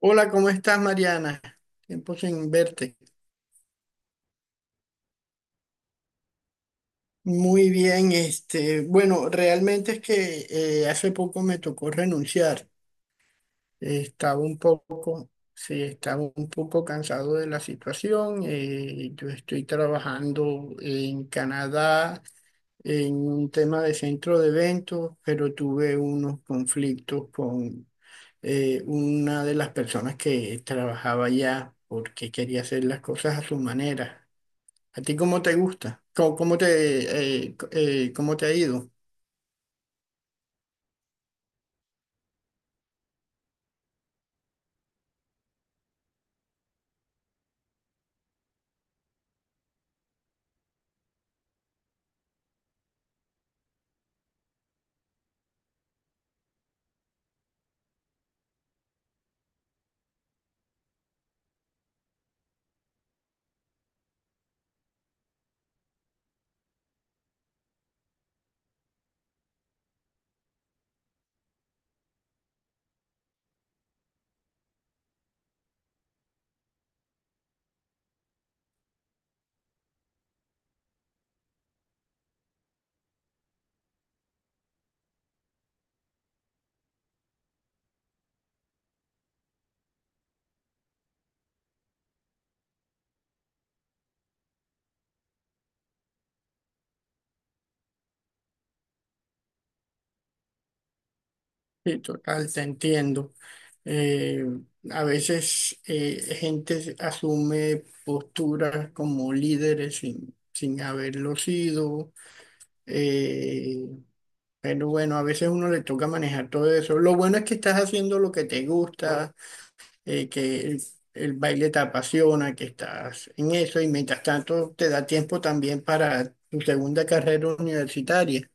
Hola, ¿cómo estás, Mariana? Tiempo sin verte. Muy bien, bueno, realmente es que hace poco me tocó renunciar. Estaba un poco, sí, estaba un poco cansado de la situación. Yo estoy trabajando en Canadá en un tema de centro de eventos, pero tuve unos conflictos con una de las personas que trabajaba allá porque quería hacer las cosas a su manera. ¿A ti cómo te gusta? ¿Cómo te, cómo te ha ido? Sí, total, te entiendo. Eh, a veces gente asume posturas como líderes sin haberlo sido, eh, pero bueno, a veces uno le toca manejar todo eso. Lo bueno es que estás haciendo lo que te gusta, que el baile te apasiona, que estás en eso y mientras tanto te da tiempo también para tu segunda carrera universitaria.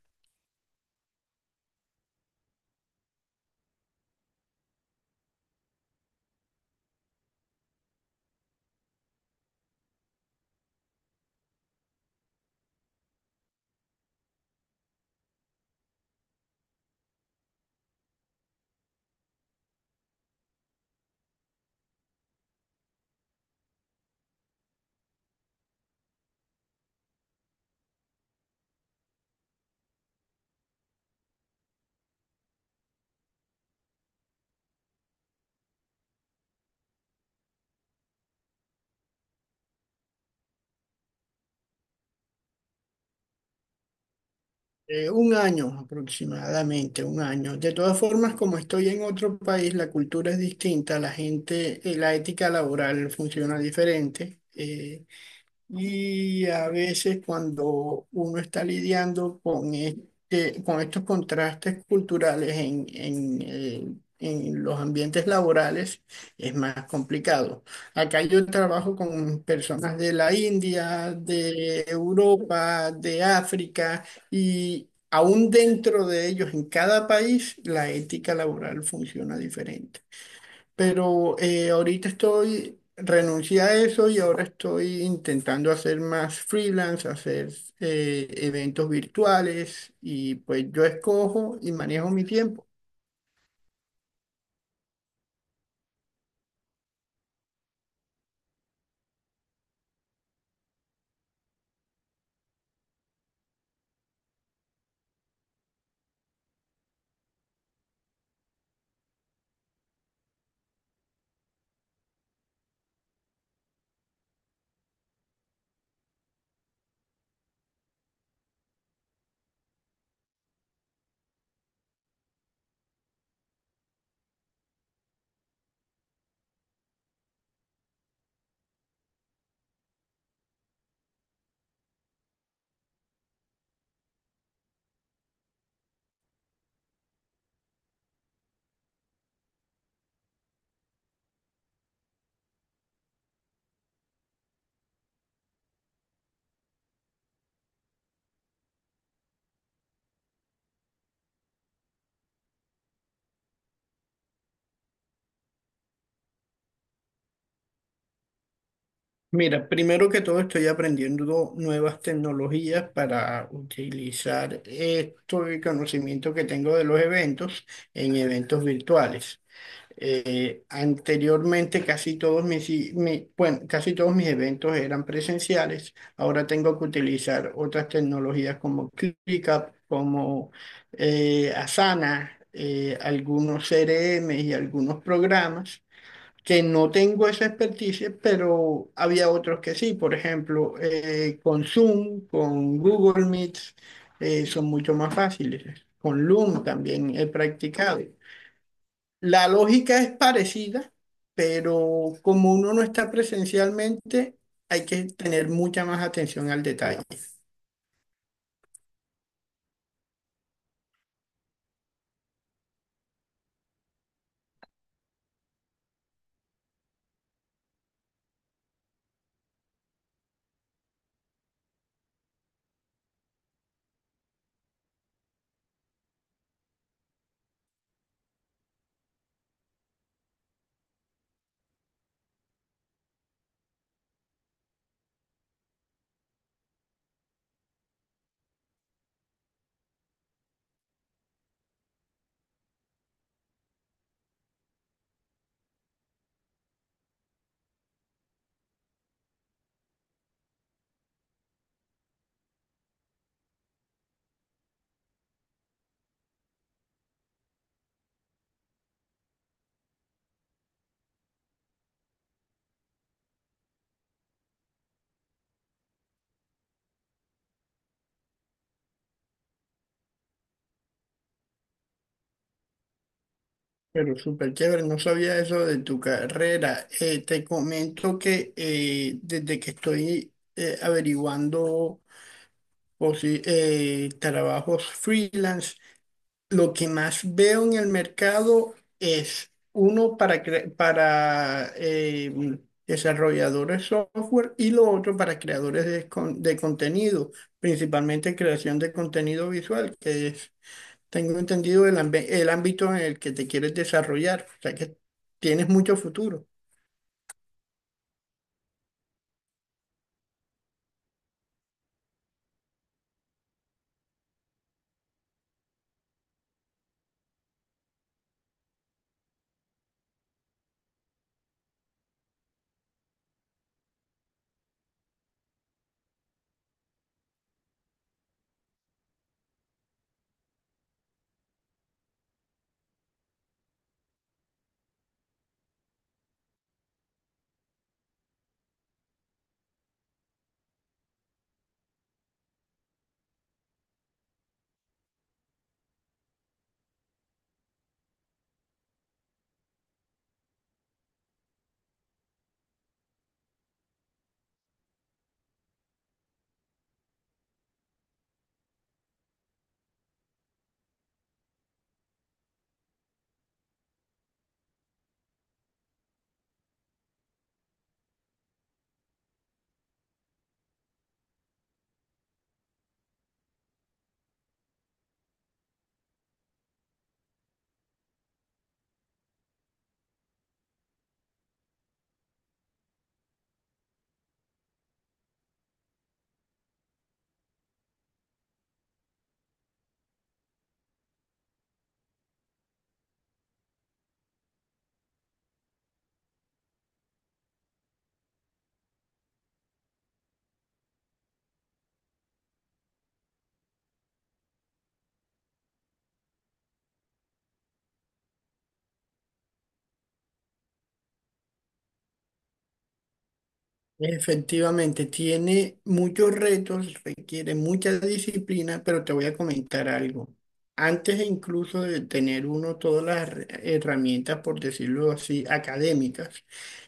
Un año aproximadamente, un año. De todas formas, como estoy en otro país, la cultura es distinta, la gente, la ética laboral funciona diferente. Y a veces cuando uno está lidiando con, con estos contrastes culturales en los ambientes laborales, es más complicado. Acá yo trabajo con personas de la India, de Europa, de África, y aún dentro de ellos, en cada país, la ética laboral funciona diferente. Pero ahorita estoy, renuncié a eso y ahora estoy intentando hacer más freelance, hacer eventos virtuales y pues yo escojo y manejo mi tiempo. Mira, primero que todo estoy aprendiendo nuevas tecnologías para utilizar esto el conocimiento que tengo de los eventos en eventos virtuales. Anteriormente casi todos bueno, casi todos mis eventos eran presenciales. Ahora tengo que utilizar otras tecnologías como ClickUp, como Asana, algunos CRM y algunos programas que no tengo esa experticia, pero había otros que sí. Por ejemplo, con Zoom, con Google Meets, son mucho más fáciles. Con Loom también he practicado. La lógica es parecida, pero como uno no está presencialmente, hay que tener mucha más atención al detalle. Pero súper chévere, no sabía eso de tu carrera. Te comento que desde que estoy averiguando trabajos freelance, lo que más veo en el mercado es uno para desarrolladores software y lo otro para creadores de contenido, principalmente creación de contenido visual, que es, tengo entendido, el ámbito en el que te quieres desarrollar, o sea que tienes mucho futuro. Efectivamente, tiene muchos retos, requiere mucha disciplina, pero te voy a comentar algo. Antes e incluso de tener uno todas las herramientas, por decirlo así, académicas,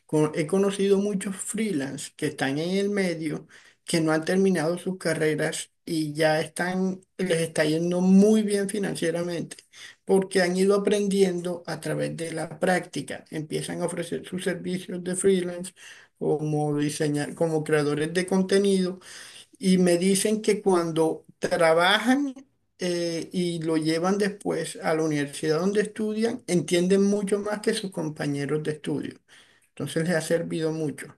he conocido muchos freelance que están en el medio, que no han terminado sus carreras y ya están, les está yendo muy bien financieramente, porque han ido aprendiendo a través de la práctica. Empiezan a ofrecer sus servicios de freelance como diseñar, como creadores de contenido, y me dicen que cuando trabajan y lo llevan después a la universidad donde estudian, entienden mucho más que sus compañeros de estudio. Entonces les ha servido mucho.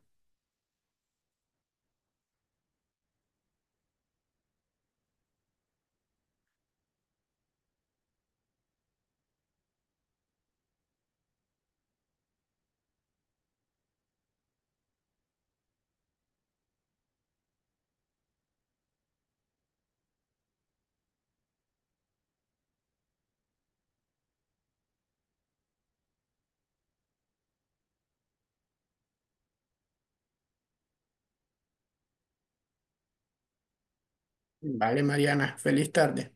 Vale, Mariana, feliz tarde.